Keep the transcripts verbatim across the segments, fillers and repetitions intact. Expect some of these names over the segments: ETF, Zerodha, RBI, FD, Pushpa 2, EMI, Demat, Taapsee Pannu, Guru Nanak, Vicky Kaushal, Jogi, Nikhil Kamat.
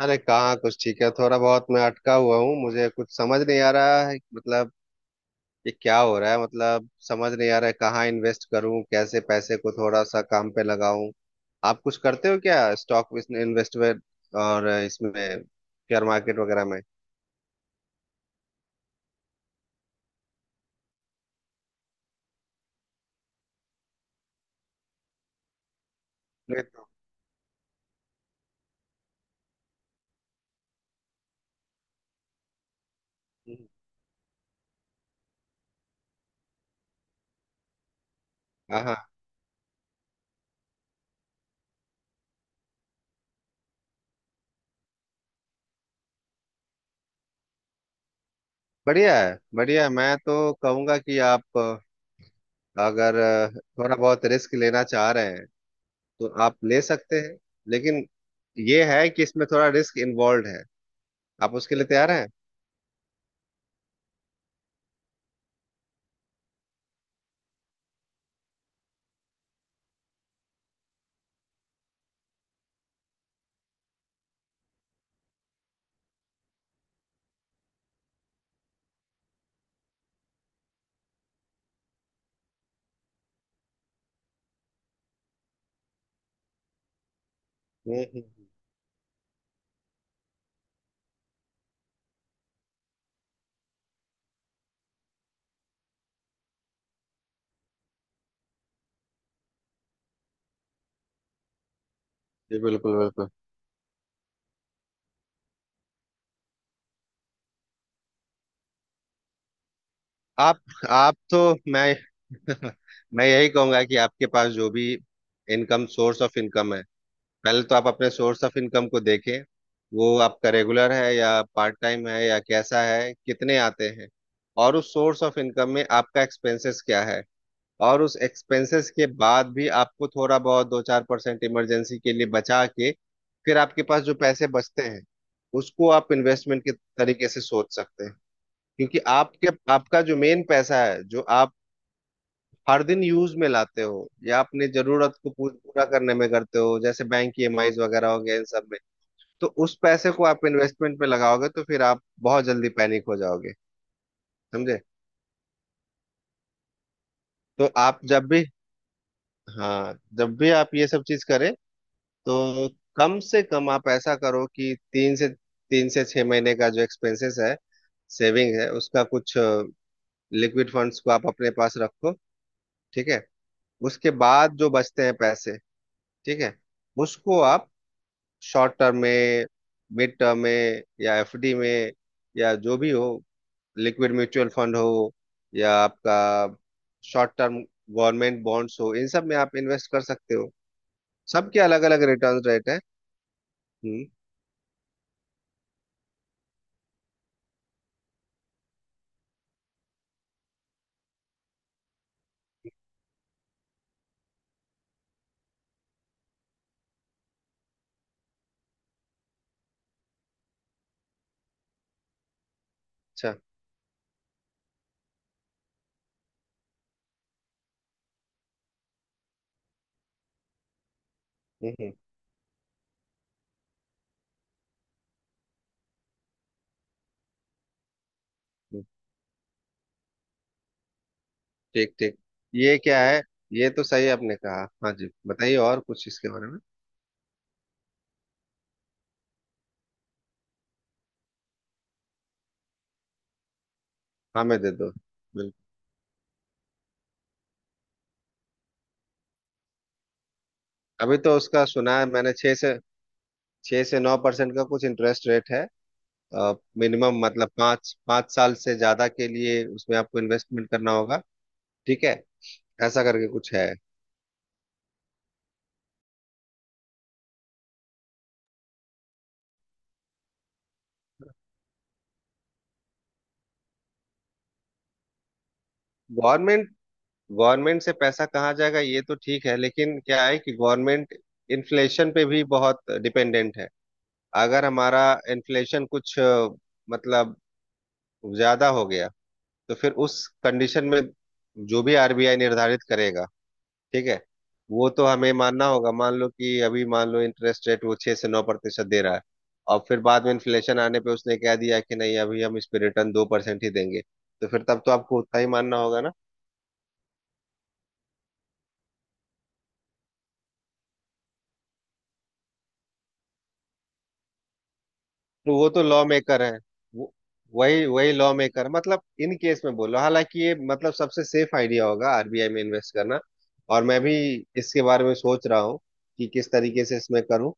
अरे कहाँ। कुछ ठीक है, थोड़ा बहुत मैं अटका हुआ हूँ। मुझे कुछ समझ नहीं आ रहा है, मतलब ये क्या हो रहा है। मतलब समझ नहीं आ रहा है, कहाँ इन्वेस्ट करूँ, कैसे पैसे को थोड़ा सा काम पे लगाऊं। आप कुछ करते हो क्या? Stock, investment? और इसमें शेयर मार्केट वगैरह में? नहीं तो। हम्म। हाँ हाँ। बढ़िया है, बढ़िया है। मैं तो कहूँगा कि आप अ, अगर अ, थोड़ा बहुत रिस्क लेना चाह रहे हैं तो आप ले सकते हैं। लेकिन ये है कि इसमें थोड़ा रिस्क इन्वॉल्व है। आप उसके लिए तैयार हैं? हम्म, हम्म, हम्म। जी, बिल्कुल बिल्कुल। आप आप तो मैं मैं यही कहूंगा कि आपके पास जो भी इनकम, सोर्स ऑफ इनकम है, पहले तो आप अपने सोर्स ऑफ इनकम को देखें। वो आपका रेगुलर है या पार्ट टाइम है या कैसा है, कितने आते हैं। और उस सोर्स ऑफ इनकम में आपका एक्सपेंसेस क्या है। और उस एक्सपेंसेस के बाद भी आपको थोड़ा बहुत दो चार परसेंट इमरजेंसी के लिए बचा के, फिर आपके पास जो पैसे बचते हैं उसको आप इन्वेस्टमेंट के तरीके से सोच सकते हैं। क्योंकि आपके, आपका जो मेन पैसा है जो आप हर दिन यूज में लाते हो या अपने जरूरत को पू- पूरा करने में करते हो, जैसे बैंक की ईएमआईज वगैरह हो गया, इन सब में तो उस पैसे को आप इन्वेस्टमेंट में लगाओगे तो फिर आप बहुत जल्दी पैनिक हो जाओगे। समझे? तो आप जब भी, हाँ जब भी आप ये सब चीज करें तो कम से कम आप ऐसा करो कि तीन से तीन से छह महीने का जो एक्सपेंसेस है, सेविंग है, उसका कुछ लिक्विड फंड्स को आप अपने पास रखो। ठीक है? उसके बाद जो बचते हैं पैसे, ठीक है, उसको आप शॉर्ट टर्म में, मिड टर्म में या एफडी में या जो भी हो, लिक्विड म्यूचुअल फंड हो या आपका शॉर्ट टर्म गवर्नमेंट बॉन्ड्स हो, इन सब में आप इन्वेस्ट कर सकते हो। सबके अलग अलग रिटर्न रेट है। हम्म। अच्छा। हम्म, हम्म, हम्म, ठीक ठीक। ये क्या है? ये तो सही आपने कहा। हाँ जी, बताइए और कुछ इसके बारे में। हाँ, मैं दे दो बिल्कुल। अभी तो उसका सुना है मैंने छह से छह से नौ परसेंट का कुछ इंटरेस्ट रेट है। मिनिमम मतलब पाँच पाँच साल से ज्यादा के लिए उसमें आपको इन्वेस्टमेंट करना होगा। ठीक है, ऐसा करके कुछ है। गवर्नमेंट गवर्नमेंट से पैसा कहाँ जाएगा, ये तो ठीक है, लेकिन क्या है कि गवर्नमेंट इन्फ्लेशन पे भी बहुत डिपेंडेंट है। अगर हमारा इन्फ्लेशन कुछ अ, मतलब ज्यादा हो गया तो फिर उस कंडीशन में जो भी आरबीआई निर्धारित करेगा, ठीक है, वो तो हमें मानना होगा। मान लो कि अभी, मान लो इंटरेस्ट रेट वो छह से नौ प्रतिशत दे रहा है और फिर बाद में इन्फ्लेशन आने पे उसने कह दिया कि नहीं, अभी हम इस पे रिटर्न दो परसेंट ही देंगे, तो फिर तब तो आपको उतना ही मानना होगा ना। तो वो तो लॉ मेकर है। वो- वही वही लॉ मेकर, मतलब इन केस में बोल रहा हूँ। हालांकि ये मतलब सबसे सेफ आइडिया होगा आरबीआई में इन्वेस्ट करना, और मैं भी इसके बारे में सोच रहा हूँ कि किस तरीके से इसमें करूँ,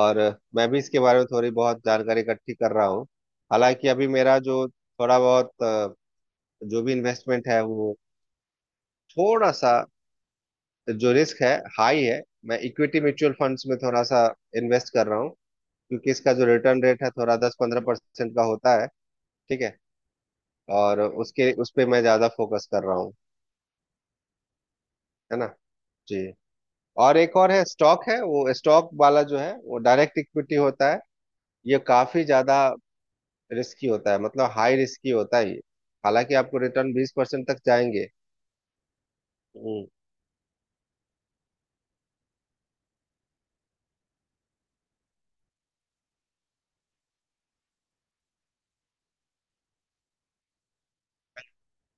और मैं भी इसके बारे में थोड़ी बहुत जानकारी इकट्ठी कर रहा हूँ। हालांकि अभी मेरा जो थोड़ा बहुत अ, जो भी इन्वेस्टमेंट है वो थोड़ा सा, जो रिस्क है हाई है। मैं इक्विटी म्यूचुअल फंड्स में थोड़ा सा इन्वेस्ट कर रहा हूँ, क्योंकि इसका जो रिटर्न रेट है थोड़ा दस पंद्रह परसेंट का होता है। ठीक है। और उसके, उस पे मैं ज्यादा फोकस कर रहा हूँ। है ना। जी। और एक और है, स्टॉक है, वो स्टॉक वाला जो है वो डायरेक्ट इक्विटी होता है। ये काफी ज्यादा रिस्की होता है, मतलब हाई रिस्की होता है ये। हालांकि आपको रिटर्न बीस परसेंट तक जाएंगे। हम्म,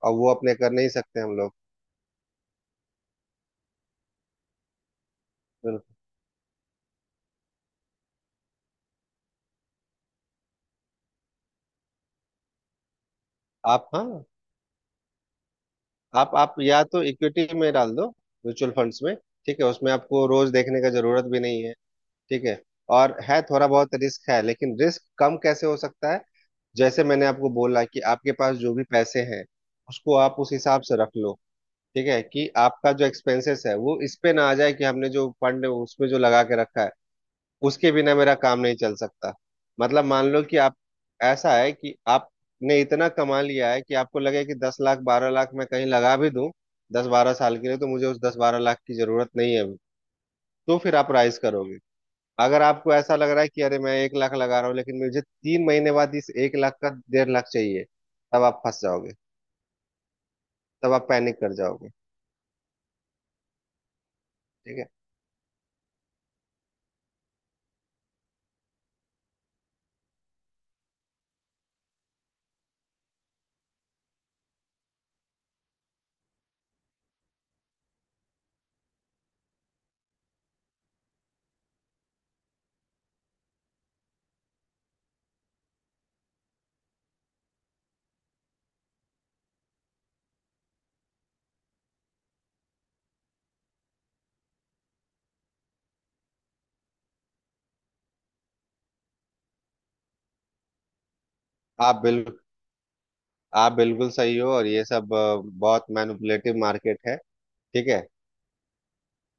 और वो अपने कर नहीं सकते हम लोग। बिल्कुल। आप, हाँ, आप आप या तो इक्विटी में डाल दो, म्यूचुअल फंड्स में। ठीक है, उसमें आपको रोज देखने का जरूरत भी नहीं है। ठीक है। और है थोड़ा बहुत रिस्क है, लेकिन रिस्क कम कैसे हो सकता है, जैसे मैंने आपको बोला कि आपके पास जो भी पैसे हैं उसको आप उस हिसाब से रख लो। ठीक है कि आपका जो एक्सपेंसेस है वो इस पे ना आ जाए कि हमने जो फंड उसमें जो लगा के रखा है उसके बिना मेरा काम नहीं चल सकता। मतलब मान लो कि आप, ऐसा है कि आपने इतना कमा लिया है कि आपको लगे कि दस लाख बारह लाख मैं कहीं लगा भी दूं दस बारह साल के लिए, तो मुझे उस दस बारह लाख की जरूरत नहीं है अभी। तो फिर आप राइज करोगे। अगर आपको ऐसा लग रहा है कि अरे मैं एक लाख लगा रहा हूँ लेकिन मुझे तीन महीने बाद इस एक लाख का डेढ़ लाख चाहिए, तब आप फंस जाओगे, तब आप पैनिक कर जाओगे। ठीक है? आप बिल्कुल आप बिल्कुल सही हो, और ये सब अ, बहुत मैनिपुलेटिव मार्केट है। ठीक है।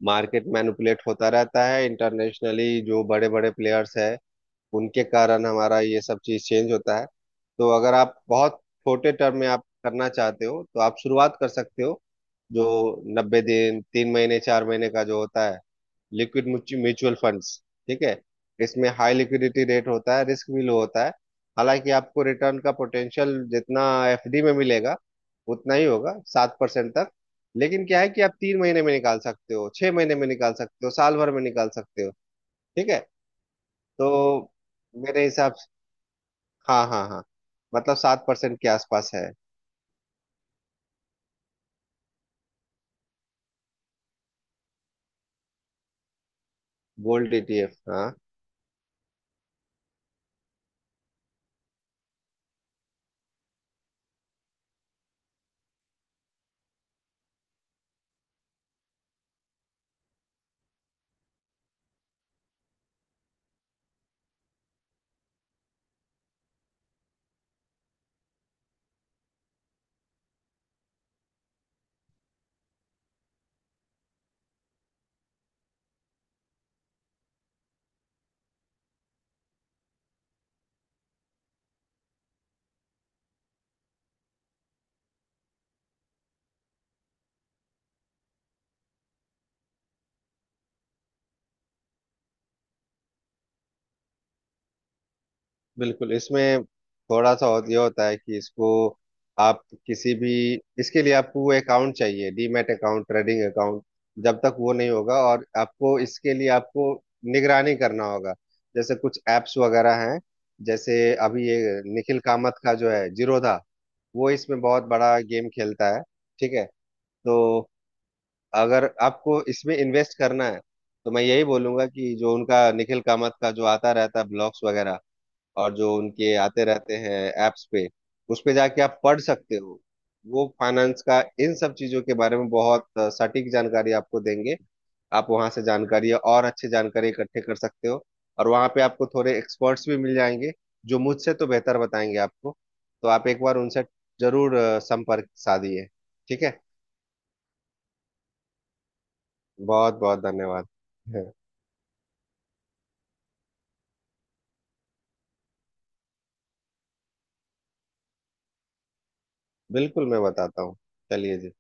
मार्केट मैनिपुलेट होता रहता है, इंटरनेशनली जो बड़े बड़े प्लेयर्स है उनके कारण हमारा ये सब चीज चेंज होता है। तो अगर आप बहुत छोटे टर्म में आप करना चाहते हो तो आप शुरुआत कर सकते हो जो नब्बे दिन, तीन महीने, चार महीने का जो होता है, लिक्विड म्यूचुअल फंड्स। ठीक है। इसमें हाई लिक्विडिटी रेट होता है, रिस्क भी लो होता है। हालांकि आपको रिटर्न का पोटेंशियल जितना एफडी में मिलेगा उतना ही होगा, सात परसेंट तक। लेकिन क्या है कि आप तीन महीने में निकाल सकते हो, छह महीने में निकाल सकते हो, साल भर में निकाल सकते हो। ठीक है। तो मेरे हिसाब, हाँ हाँ हाँ, मतलब सात परसेंट के आसपास है। गोल्ड ईटीएफ, हाँ, बिल्कुल। इसमें थोड़ा सा और ये होता है कि इसको आप किसी भी, इसके लिए आपको वो अकाउंट चाहिए, डीमैट अकाउंट, ट्रेडिंग अकाउंट। जब तक वो नहीं होगा, और आपको इसके लिए आपको निगरानी करना होगा, जैसे कुछ एप्स वगैरह हैं, जैसे अभी ये निखिल कामत का जो है जीरोधा, वो इसमें बहुत बड़ा गेम खेलता है। ठीक है। तो अगर आपको इसमें इन्वेस्ट करना है तो मैं यही बोलूंगा कि जो उनका निखिल कामत का जो आता रहता है ब्लॉग्स वगैरह और जो उनके आते रहते हैं एप्स पे, उस पे जाके आप पढ़ सकते हो। वो फाइनेंस का इन सब चीजों के बारे में बहुत सटीक जानकारी आपको देंगे। आप वहां से जानकारी और अच्छे जानकारी इकट्ठे कर सकते हो। और वहां पे आपको थोड़े एक्सपर्ट्स भी मिल जाएंगे जो मुझसे तो बेहतर बताएंगे आपको। तो आप एक बार उनसे जरूर अ, संपर्क साधिए। ठीक है। बहुत बहुत धन्यवाद। बिल्कुल, मैं बताता हूँ। चलिए जी।